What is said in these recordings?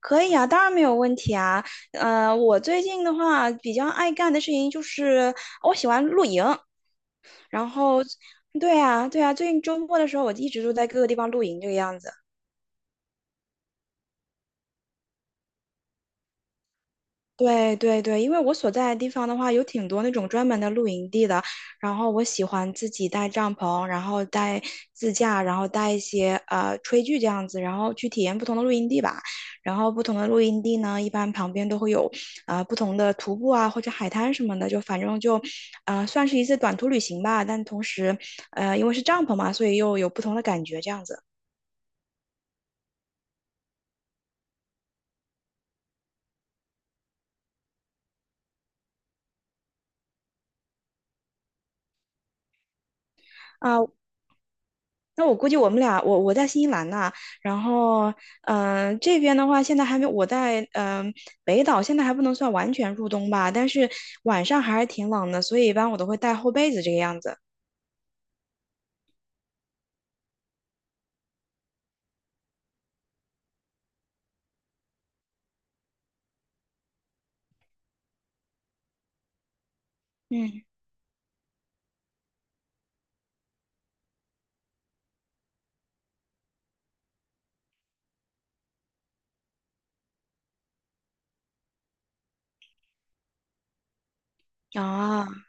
可以啊，当然没有问题啊。我最近的话比较爱干的事情就是我喜欢露营，然后，对啊，对啊，最近周末的时候我一直都在各个地方露营这个样子。对对对，因为我所在的地方的话，有挺多那种专门的露营地的。然后我喜欢自己带帐篷，然后带自驾，然后带一些炊具这样子，然后去体验不同的露营地吧。然后不同的露营地呢，一般旁边都会有不同的徒步啊或者海滩什么的，就反正就算是一次短途旅行吧。但同时因为是帐篷嘛，所以又有不同的感觉这样子。啊。那我估计我们俩，我在新西兰呐，然后这边的话现在还没，我在北岛现在还不能算完全入冬吧，但是晚上还是挺冷的，所以一般我都会带厚被子这个样子。嗯，啊。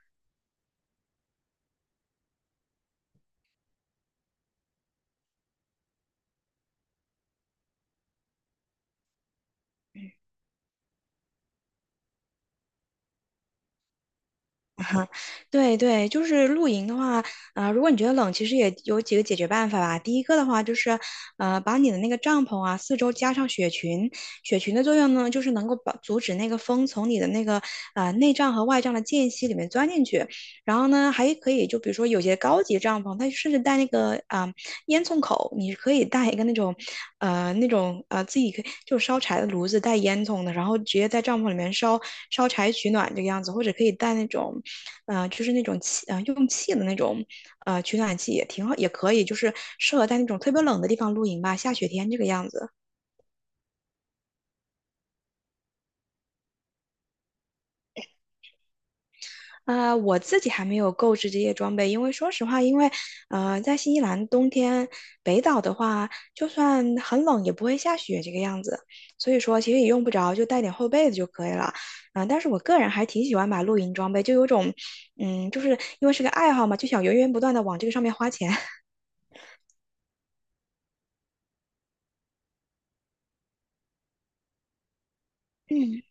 对对，就是露营的话，如果你觉得冷，其实也有几个解决办法吧。第一个的话就是，把你的那个帐篷啊，四周加上雪裙。雪裙的作用呢，就是能够把阻止那个风从你的那个内帐和外帐的间隙里面钻进去。然后呢，还可以就比如说有些高级帐篷，它甚至带那个烟囱口，你可以带一个那种自己可以就烧柴的炉子带烟囱的，然后直接在帐篷里面烧柴取暖这个样子，或者可以带那种。就是那种气用气的那种取暖器也挺好，也可以，就是适合在那种特别冷的地方露营吧，下雪天这个样子。我自己还没有购置这些装备，因为说实话，因为在新西兰冬天北岛的话，就算很冷也不会下雪这个样子，所以说其实也用不着，就带点厚被子就可以了。但是我个人还挺喜欢买露营装备，就有种，就是因为是个爱好嘛，就想源源不断的往这个上面花钱。嗯，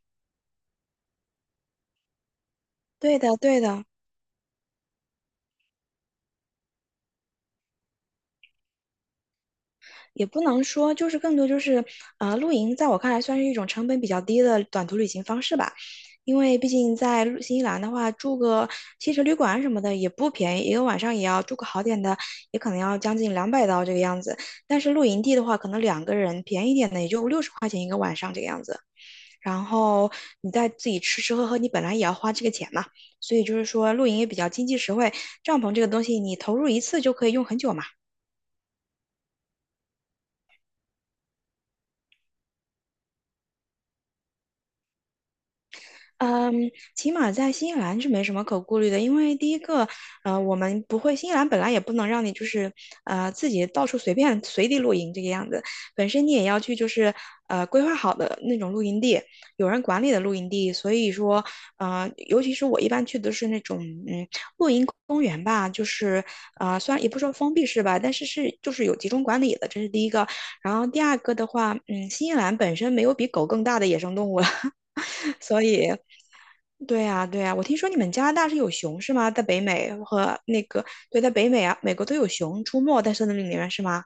对的，对的。也不能说，就是更多就是，露营在我看来算是一种成本比较低的短途旅行方式吧，因为毕竟在新西兰的话，住个汽车旅馆什么的也不便宜，一个晚上也要住个好点的，也可能要将近200刀这个样子。但是露营地的话，可能两个人便宜一点的也就60块钱一个晚上这个样子，然后你再自己吃吃喝喝，你本来也要花这个钱嘛，所以就是说露营也比较经济实惠，帐篷这个东西你投入一次就可以用很久嘛。嗯，起码在新西兰是没什么可顾虑的，因为第一个，我们不会，新西兰本来也不能让你就是自己到处随便随地露营这个样子，本身你也要去就是规划好的那种露营地，有人管理的露营地，所以说尤其是我一般去的是那种嗯公园吧，就是虽然也不说封闭式吧，但是是就是有集中管理的，这是第一个，然后第二个的话，新西兰本身没有比狗更大的野生动物了。所以，对呀，对呀，我听说你们加拿大是有熊是吗？在北美和那个，对，在北美啊，美国都有熊出没在森林里面是吗？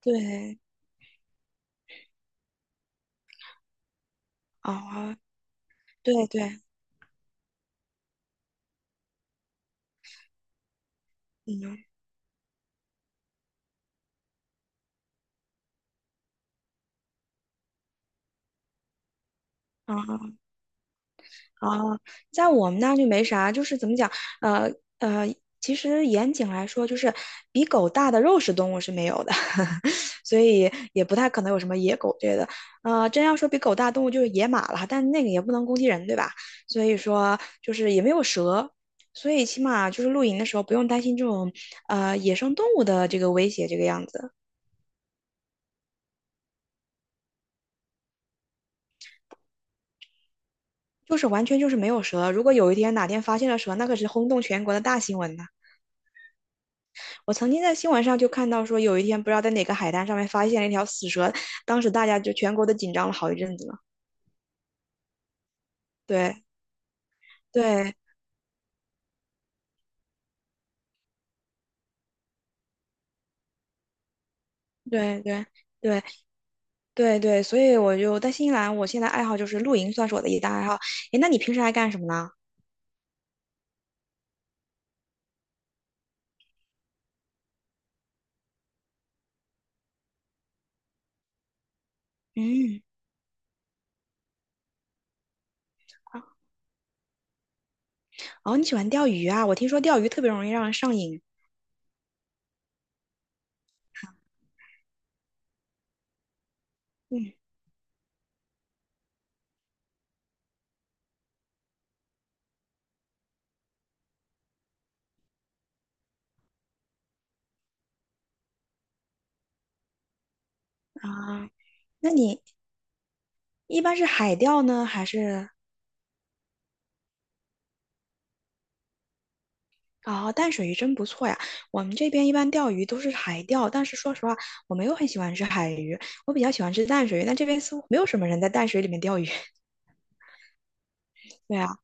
对，啊，对对，嗯，啊啊，在我们那就没啥，就是怎么讲，呃呃，其实严谨来说，就是比狗大的肉食动物是没有的。所以也不太可能有什么野狗之类的。真要说比狗大动物就是野马了，但那个也不能攻击人，对吧？所以说就是也没有蛇，所以起码就是露营的时候不用担心这种野生动物的这个威胁这个样子。就是完全就是没有蛇。如果有一天哪天发现了蛇，那可是轰动全国的大新闻呢。我曾经在新闻上就看到说，有一天不知道在哪个海滩上面发现了一条死蛇，当时大家就全国都紧张了好一阵子呢。对对对对对，对对，所以我就在新西兰，我现在爱好就是露营，算是我的一大爱好。诶，那你平时爱干什么呢？嗯，哦，你喜欢钓鱼啊？我听说钓鱼特别容易让人上瘾。嗯啊，那你一般是海钓呢，还是哦，淡水鱼真不错呀。我们这边一般钓鱼都是海钓，但是说实话，我没有很喜欢吃海鱼，我比较喜欢吃淡水鱼。但这边似乎没有什么人在淡水里面钓鱼。对啊，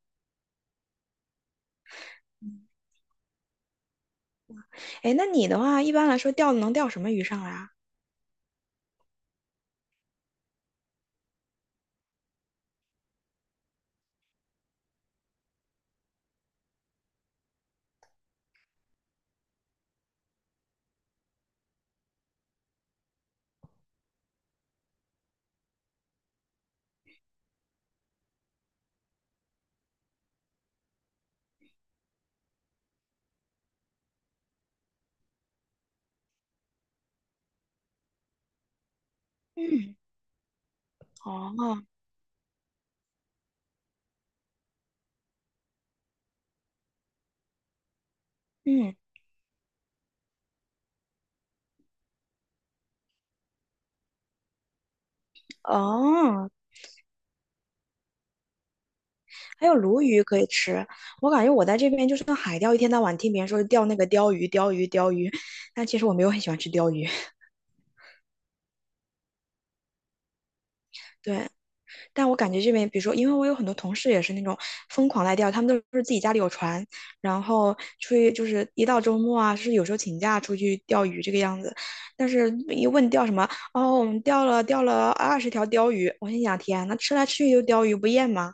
诶，那你的话，一般来说钓能钓什么鱼上来啊？嗯，哦，嗯，哦。还有鲈鱼可以吃。我感觉我在这边就是像海钓，一天到晚听别人说钓那个鲷鱼、鲷鱼、鲷鱼，但其实我没有很喜欢吃鲷鱼。对，但我感觉这边，比如说，因为我有很多同事也是那种疯狂在钓，他们都是自己家里有船，然后出去就是一到周末啊，是有时候请假出去钓鱼这个样子。但是一问钓什么，哦，我们钓了20条鲷鱼，我心想，天呐，那吃来吃去就鲷鱼，不厌吗？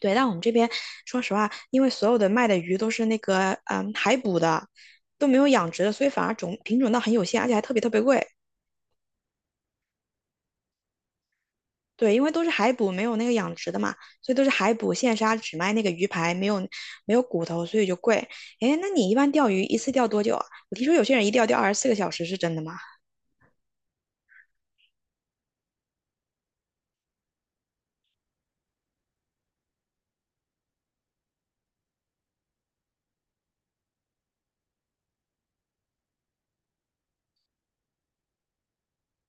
对，但我们这边说实话，因为所有的卖的鱼都是那个海捕的，都没有养殖的，所以反而品种倒很有限，而且还特别特别贵。对，因为都是海捕，没有那个养殖的嘛，所以都是海捕现杀，只卖那个鱼排，没有骨头，所以就贵。哎，那你一般钓鱼一次钓多久啊？我听说有些人一钓钓24个小时，是真的吗？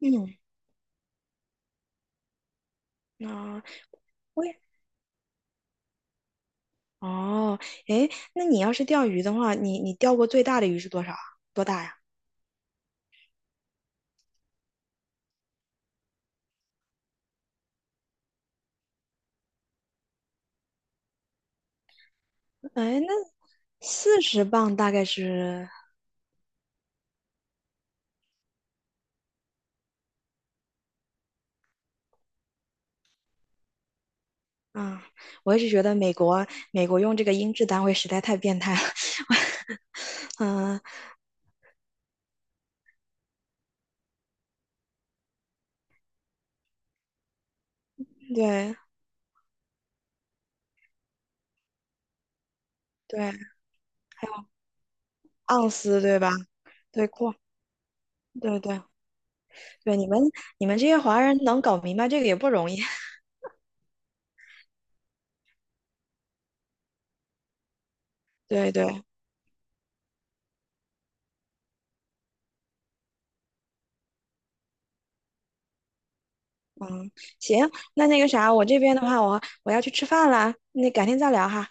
嗯，那、我也哦，哎，那你要是钓鱼的话，你钓过最大的鱼是多少啊？多大呀？哎，那40磅大概是。啊，我一直觉得美国用这个音质单位实在太变态了。嗯，对对，还有盎司对吧？对，对对对，你们这些华人能搞明白这个也不容易。对对，行，那个啥，我这边的话，我要去吃饭啦，那改天再聊哈。